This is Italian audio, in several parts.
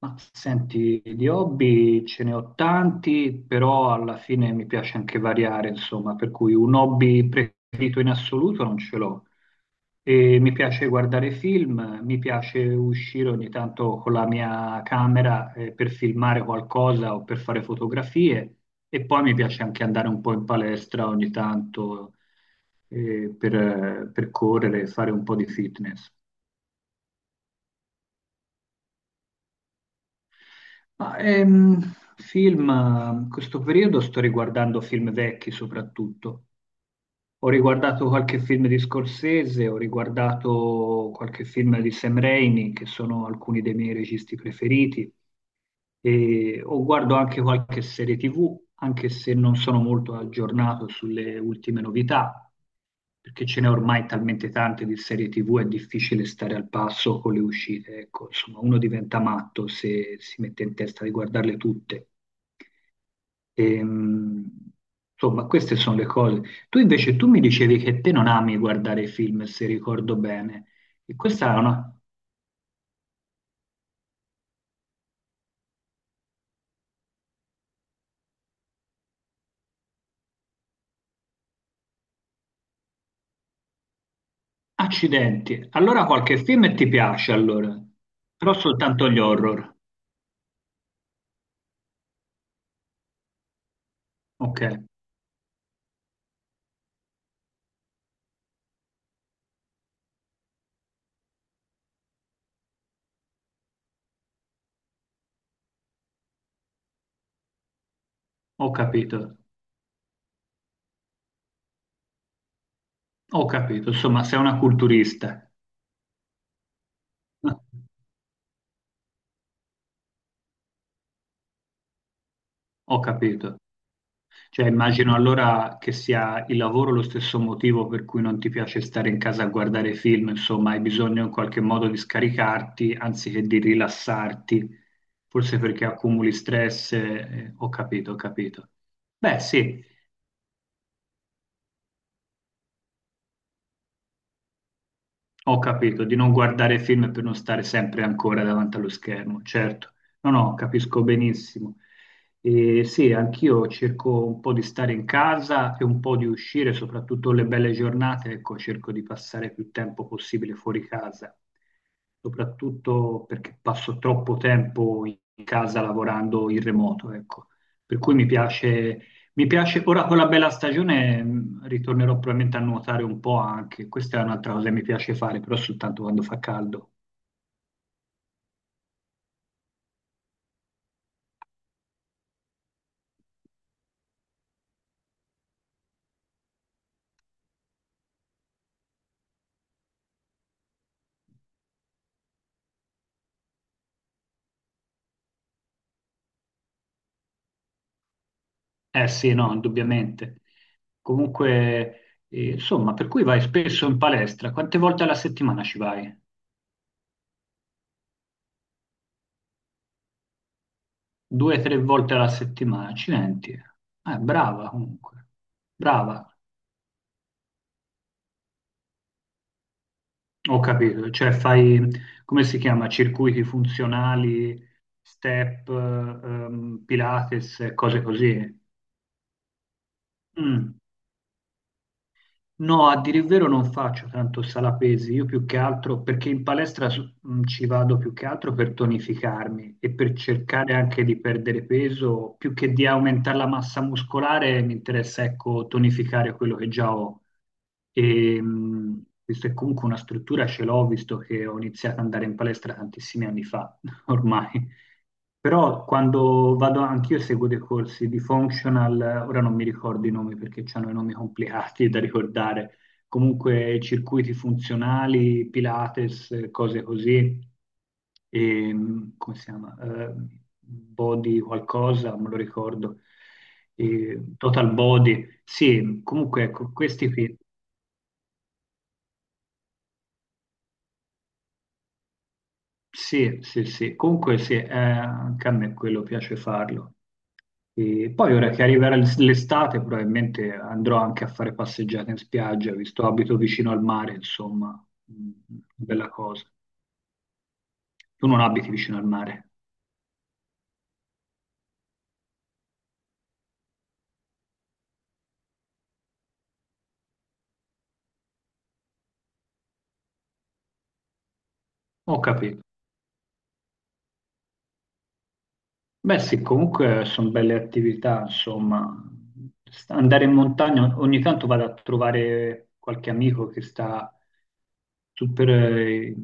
Ma senti, di hobby ce ne ho tanti, però alla fine mi piace anche variare, insomma, per cui un hobby preferito in assoluto non ce l'ho. E mi piace guardare film, mi piace uscire ogni tanto con la mia camera, per filmare qualcosa o per fare fotografie e poi mi piace anche andare un po' in palestra ogni tanto, per correre e fare un po' di fitness. Ma, ehm, Questo periodo sto riguardando film vecchi soprattutto. Ho riguardato qualche film di Scorsese, ho riguardato qualche film di Sam Raimi, che sono alcuni dei miei registi preferiti, e o guardo anche qualche serie TV, anche se non sono molto aggiornato sulle ultime novità, perché ce n'è ormai talmente tante di serie TV, è difficile stare al passo con le uscite. Ecco, insomma, uno diventa matto se si mette in testa di guardarle tutte. Ehm, insomma, queste sono le cose. Tu invece, tu mi dicevi che te non ami guardare film, se ricordo bene. E questa è una... Accidenti. Allora qualche film ti piace, allora. Però soltanto gli horror. Ok, ho capito. Ho capito. Insomma, sei una culturista. Ho capito. Cioè, immagino allora che sia il lavoro lo stesso motivo per cui non ti piace stare in casa a guardare film, insomma, hai bisogno in qualche modo di scaricarti anziché di rilassarti, forse perché accumuli stress, ho capito, ho capito. Beh, sì, ho capito, di non guardare film per non stare sempre ancora davanti allo schermo, certo. No, no, capisco benissimo. E sì, anch'io cerco un po' di stare in casa e un po' di uscire, soprattutto le belle giornate, ecco, cerco di passare più tempo possibile fuori casa, soprattutto perché passo troppo tempo in casa lavorando in remoto, ecco. Per cui mi piace, ora con la bella stagione ritornerò probabilmente a nuotare un po' anche, questa è un'altra cosa che mi piace fare, però soltanto quando fa caldo. Eh sì, no, indubbiamente. Comunque, insomma, per cui vai spesso in palestra, quante volte alla settimana ci vai? Due, tre volte alla settimana, accidenti. Brava comunque, brava, ho capito, cioè fai, come si chiama, circuiti funzionali, step, Pilates, cose così. Mm. No, a dire il vero non faccio tanto sala pesi, io più che altro perché in palestra ci vado più che altro per tonificarmi e per cercare anche di perdere peso, più che di aumentare la massa muscolare, mi interessa ecco tonificare quello che già ho. E, visto che comunque una struttura ce l'ho, visto che ho iniziato ad andare in palestra tantissimi anni fa, ormai. Però quando vado, anch'io seguo dei corsi di functional, ora non mi ricordo i nomi perché hanno i nomi complicati da ricordare, comunque circuiti funzionali, Pilates, cose così, e, come si chiama? Body qualcosa, me lo ricordo, e total body, sì, comunque ecco, questi qui. Sì, sì, sì, comunque sì, anche a me quello piace farlo. E poi ora che arriverà l'estate probabilmente andrò anche a fare passeggiate in spiaggia, visto abito vicino al mare, insomma, mm, bella cosa. Tu non abiti vicino al mare? Ho capito. Beh sì, comunque sono belle attività, insomma. Andare in montagna, ogni tanto vado a trovare qualche amico che sta super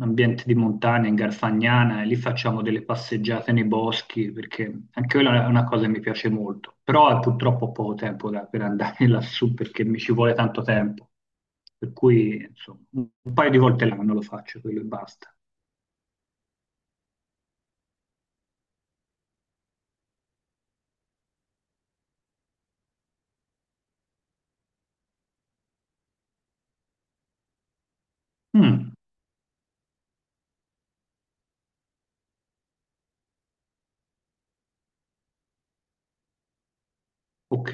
ambiente di montagna, in Garfagnana, e lì facciamo delle passeggiate nei boschi, perché anche quella è una cosa che mi piace molto, però è purtroppo poco tempo per andare lassù, perché mi ci vuole tanto tempo, per cui insomma, un paio di volte l'anno lo faccio, quello e basta. Mm, ok,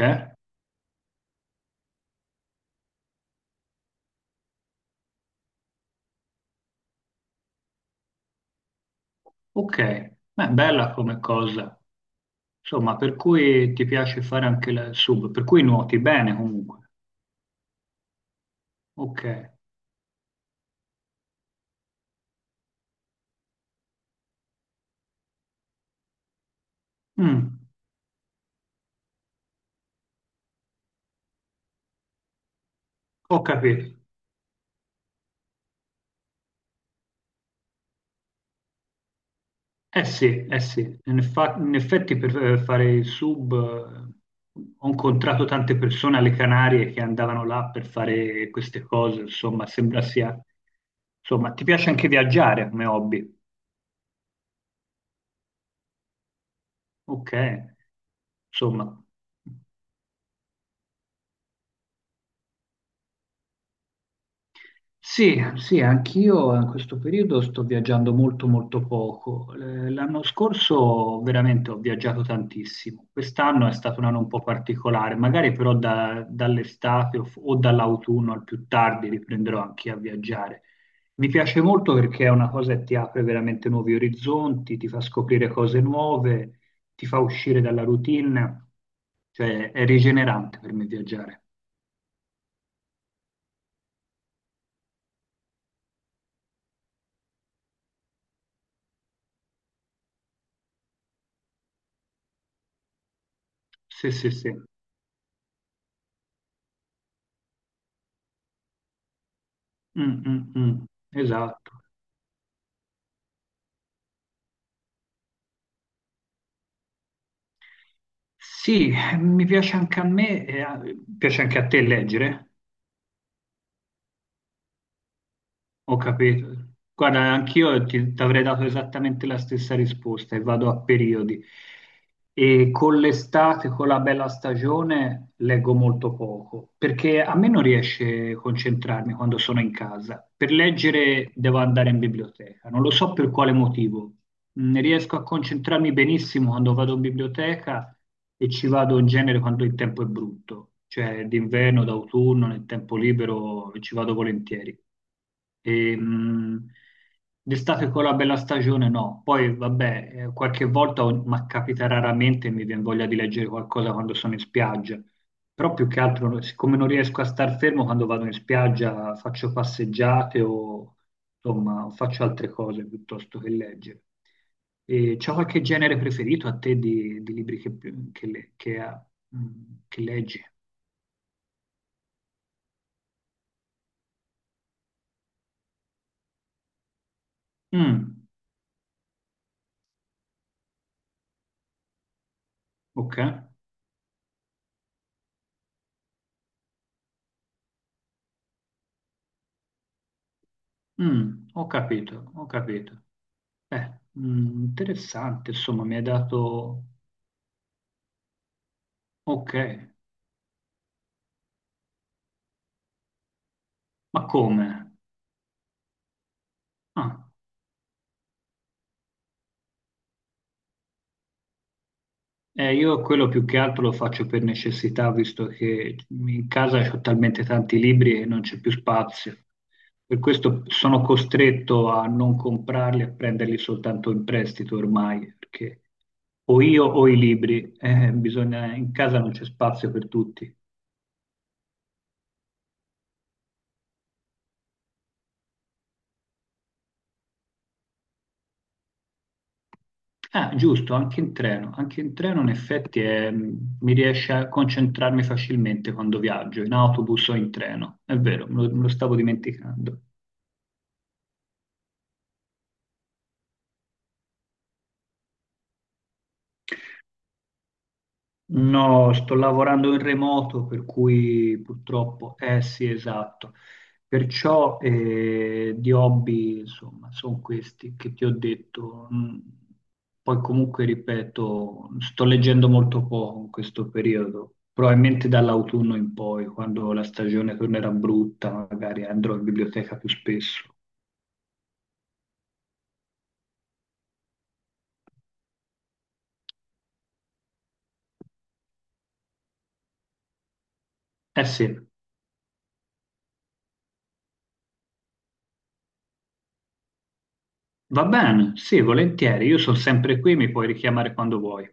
ok, beh, bella come cosa. Insomma, per cui ti piace fare anche il sub, per cui nuoti bene comunque. Ok, mm, ho capito. Sì, eh sì, in, in effetti per fare il sub ho incontrato tante persone alle Canarie che andavano là per fare queste cose, insomma, sembra sia... Insomma, ti piace anche viaggiare come hobby? Ok, insomma. Sì, sì, anch'io in questo periodo sto viaggiando molto poco. L'anno scorso veramente ho viaggiato tantissimo. Quest'anno è stato un anno un po' particolare, magari però dall'estate o, o dall'autunno al più tardi riprenderò anche a viaggiare. Mi piace molto perché è una cosa che ti apre veramente nuovi orizzonti, ti fa scoprire cose nuove, ti fa uscire dalla routine, cioè è rigenerante per me viaggiare. Sì, sì, sì. Mm, mm, mm. Esatto. Sì, mi piace anche a me, e piace anche a te leggere, ho capito. Guarda, anch'io ti, ti avrei dato esattamente la stessa risposta e vado a periodi. E con l'estate, con la bella stagione, leggo molto poco, perché a me non riesce a concentrarmi quando sono in casa. Per leggere devo andare in biblioteca, non lo so per quale motivo. Mm, riesco a concentrarmi benissimo quando vado in biblioteca e ci vado in genere quando il tempo è brutto, cioè d'inverno, d'autunno, nel tempo libero ci vado volentieri. E, d'estate con la bella stagione no, poi vabbè, qualche volta, ma capita raramente, mi viene voglia di leggere qualcosa quando sono in spiaggia, però più che altro, siccome non riesco a star fermo quando vado in spiaggia, faccio passeggiate o insomma faccio altre cose piuttosto che leggere. E c'è qualche genere preferito a te di libri che le- che ha- mm, che leggi? Mm, ok, mm, ho capito, ho capito. Mm, interessante, insomma, mi hai dato... Ok, ma come? Ah. Io quello più che altro lo faccio per necessità, visto che in casa ho talmente tanti libri che non c'è più spazio. Per questo sono costretto a non comprarli, a prenderli soltanto in prestito ormai, perché o io o i libri, in casa non c'è spazio per tutti. Ah, giusto, anche in treno. Anche in treno in effetti mi riesce a concentrarmi facilmente quando viaggio, in autobus o in treno. È vero, me lo stavo dimenticando. No, sto lavorando in remoto, per cui purtroppo, eh sì, esatto. Perciò di hobby, insomma, sono questi che ti ho detto. Mm, poi comunque, ripeto, sto leggendo molto poco in questo periodo, probabilmente dall'autunno in poi, quando la stagione tornerà brutta, magari andrò in biblioteca più spesso. Eh sì, va bene, sì, volentieri, io sono sempre qui, mi puoi richiamare quando vuoi.